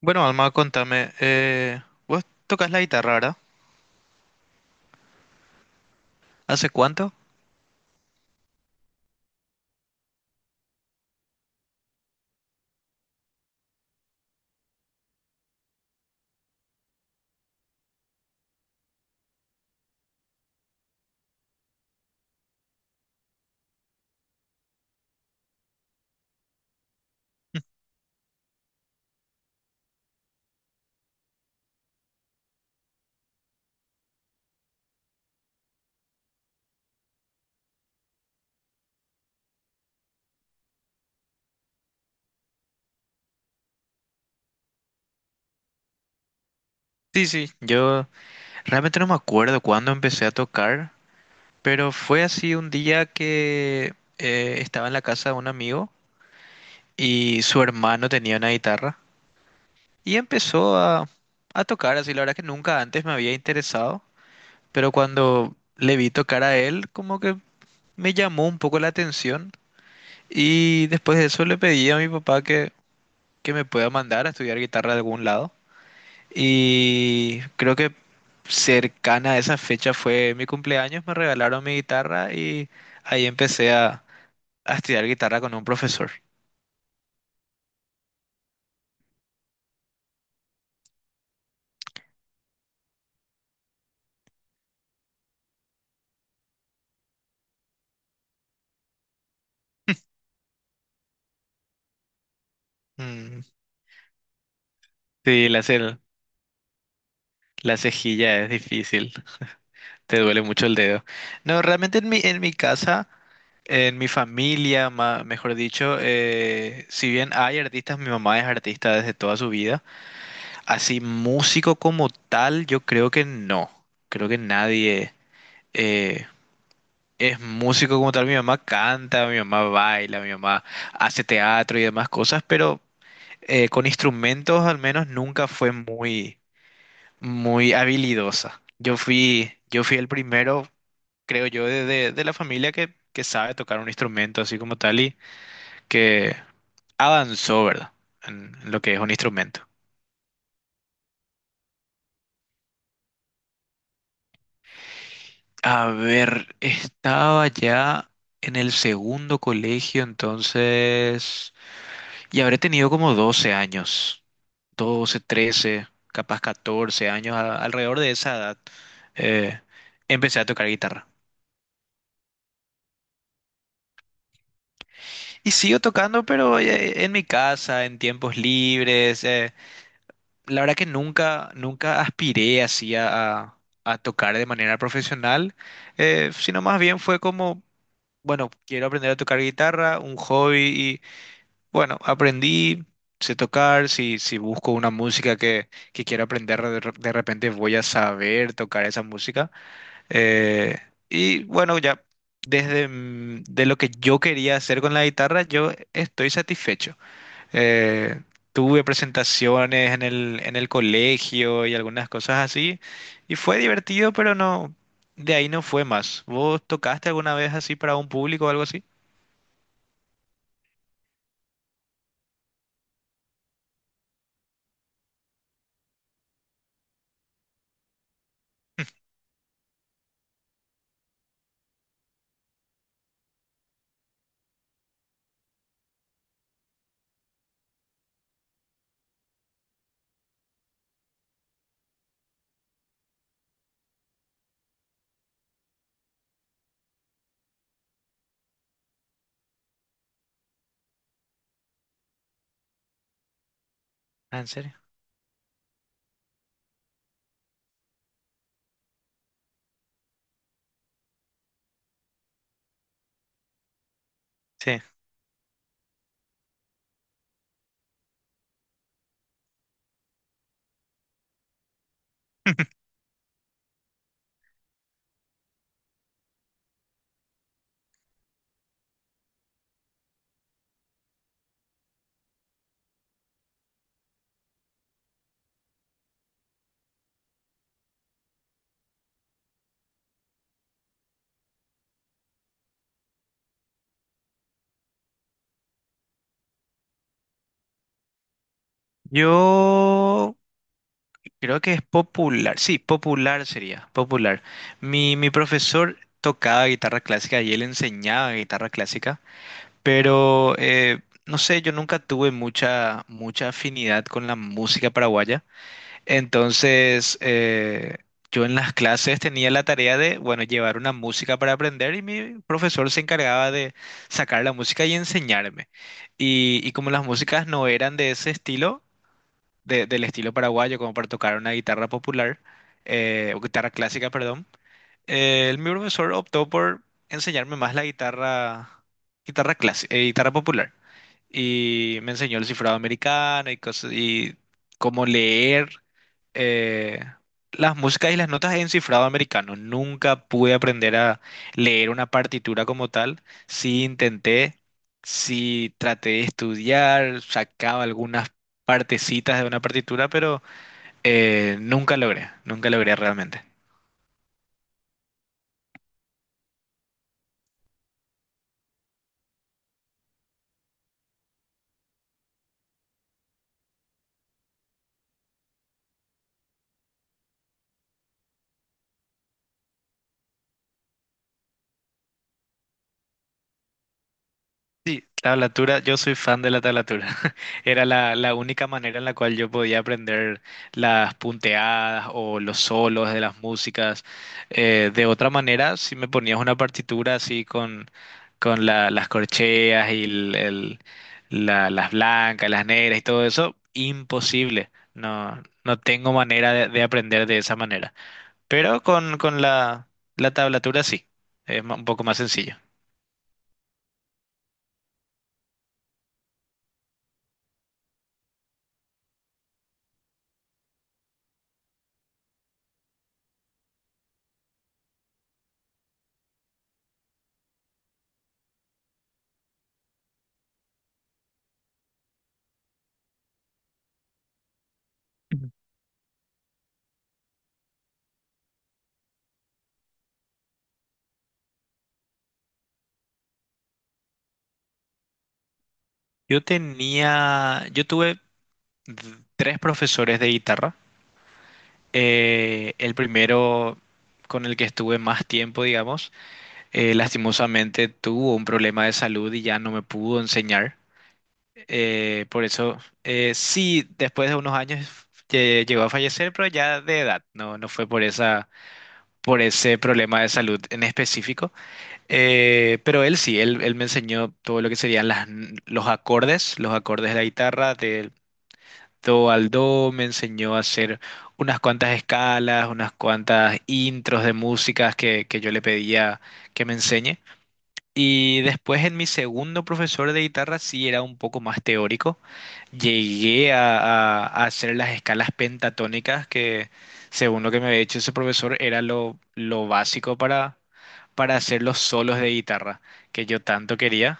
Bueno, Alma, contame, vos tocas la guitarra, ¿verdad? ¿Hace cuánto? Sí, sí, yo realmente no me acuerdo cuándo empecé a tocar, pero fue así un día que estaba en la casa de un amigo y su hermano tenía una guitarra y empezó a tocar, así la verdad que nunca antes me había interesado, pero cuando le vi tocar a él, como que me llamó un poco la atención y después de eso le pedí a mi papá que me pueda mandar a estudiar guitarra de algún lado. Y creo que cercana a esa fecha fue mi cumpleaños, me regalaron mi guitarra y ahí empecé a estudiar guitarra con un profesor. Mm, sí, la cejilla es difícil, te duele mucho el dedo. No, realmente en mi casa, en mi familia, mejor dicho, si bien hay artistas, mi mamá es artista desde toda su vida, así músico como tal, yo creo que no, creo que nadie eh, es músico como tal. Mi mamá canta, mi mamá baila, mi mamá hace teatro y demás cosas, pero con instrumentos al menos nunca fue muy, muy habilidosa. Yo fui el primero, creo yo, de la familia que sabe tocar un instrumento así como tal y que avanzó, ¿verdad? En lo que es un instrumento. A ver, estaba ya en el segundo colegio, entonces, y habré tenido como 12 años. 12, 13, capaz 14 años, alrededor de esa edad, eh, empecé a tocar guitarra. Y sigo tocando, pero en mi casa, en tiempos libres. La verdad que nunca, nunca aspiré así a tocar de manera profesional, sino más bien fue como, bueno, quiero aprender a tocar guitarra, un hobby, y bueno, aprendí. Sé tocar, si busco una música que quiero aprender, de repente voy a saber tocar esa música. Eh, y bueno, ya de lo que yo quería hacer con la guitarra, yo estoy satisfecho. Eh, tuve presentaciones en el colegio y algunas cosas así, y fue divertido, pero no, de ahí no fue más. ¿Vos tocaste alguna vez así para un público o algo así? Ah, ¿en serio? Sí. Yo creo que es popular, sí, popular sería, popular. Mi profesor tocaba guitarra clásica y él enseñaba guitarra clásica. Pero no sé, yo nunca tuve mucha, mucha afinidad con la música paraguaya. Entonces, yo en las clases tenía la tarea de, bueno, llevar una música para aprender y mi profesor se encargaba de sacar la música y enseñarme. Y como las músicas no eran de ese estilo, del estilo paraguayo, como para tocar una guitarra popular, o guitarra clásica, perdón, mi profesor optó por enseñarme más la guitarra, guitarra clásica, guitarra popular y me enseñó el cifrado americano y cosas, y cómo leer eh, las músicas y las notas en cifrado americano. Nunca pude aprender a leer una partitura como tal. Sí intenté, sí traté de estudiar, sacaba algunas partecitas de una partitura, pero nunca logré, nunca logré realmente. Sí, tablatura, yo soy fan de la tablatura. Era la única manera en la cual yo podía aprender las punteadas o los solos de las músicas. De otra manera, si me ponías una partitura así con, las corcheas y las blancas, las negras y todo eso, imposible. No, no tengo manera de aprender de esa manera. Pero con la tablatura sí, es un poco más sencillo. Yo tuve tres profesores de guitarra. El primero con el que estuve más tiempo, digamos, lastimosamente tuvo un problema de salud y ya no me pudo enseñar. Por eso, sí, después de unos años llegó a fallecer, pero ya de edad, no, no fue por ese problema de salud en específico. Pero él sí, él me enseñó todo lo que serían los acordes de la guitarra, de do al do, me enseñó a hacer unas cuantas escalas, unas cuantas intros de músicas que yo le pedía que me enseñe. Y después en mi segundo profesor de guitarra sí era un poco más teórico. Llegué a hacer las escalas pentatónicas que, según lo que me había dicho ese profesor, era lo básico para hacer los solos de guitarra que yo tanto quería.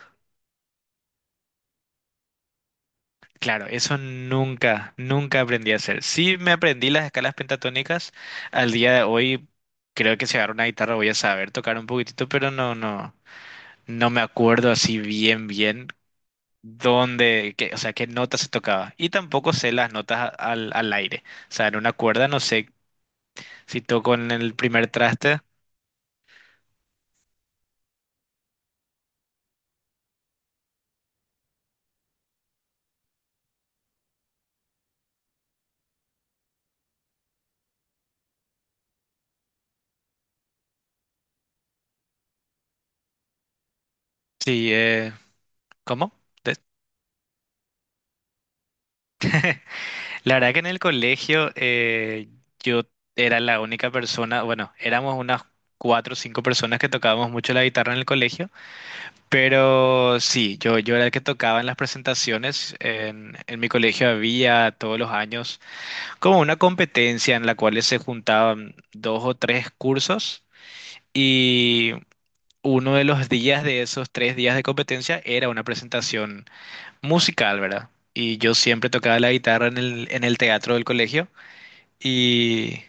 Claro, eso nunca, nunca aprendí a hacer. Sí me aprendí las escalas pentatónicas. Al día de hoy creo que si agarro una guitarra voy a saber tocar un poquitito, pero no, no, no me acuerdo así bien, bien dónde, o sea, qué notas se tocaba. Y tampoco sé las notas al aire. O sea, en una cuerda no sé si toco en el primer traste, si, ¿cómo? La verdad que en el colegio yo era la única persona, bueno, éramos unas cuatro o cinco personas que tocábamos mucho la guitarra en el colegio, pero sí, yo era el que tocaba en las presentaciones. En mi colegio había todos los años como una competencia en la cual se juntaban dos o tres cursos y uno de los días de esos 3 días de competencia era una presentación musical, ¿verdad? Y yo siempre tocaba la guitarra en el teatro del colegio. Y,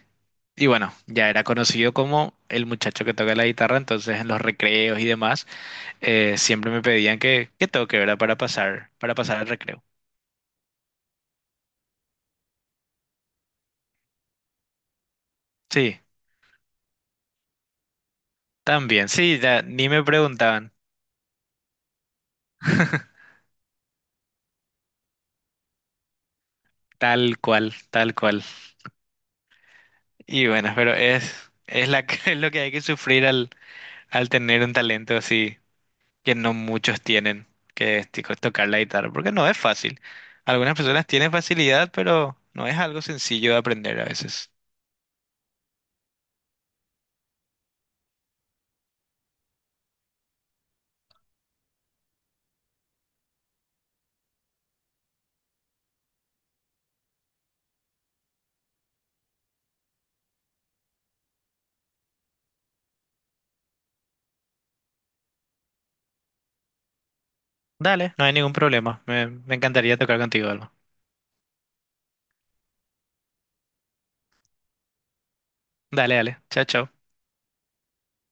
y bueno, ya era conocido como el muchacho que toca la guitarra, entonces en los recreos y demás, siempre me pedían que toque, ¿verdad? Para pasar el recreo. Sí, también, sí, ya ni me preguntaban, tal cual, tal cual. Y bueno, pero es lo que hay que sufrir al tener un talento así que no muchos tienen, que es tipo, tocar la guitarra, porque no es fácil. Algunas personas tienen facilidad, pero no es algo sencillo de aprender a veces. Dale, no hay ningún problema. Me encantaría tocar contigo algo. Dale, dale. Chao, chao.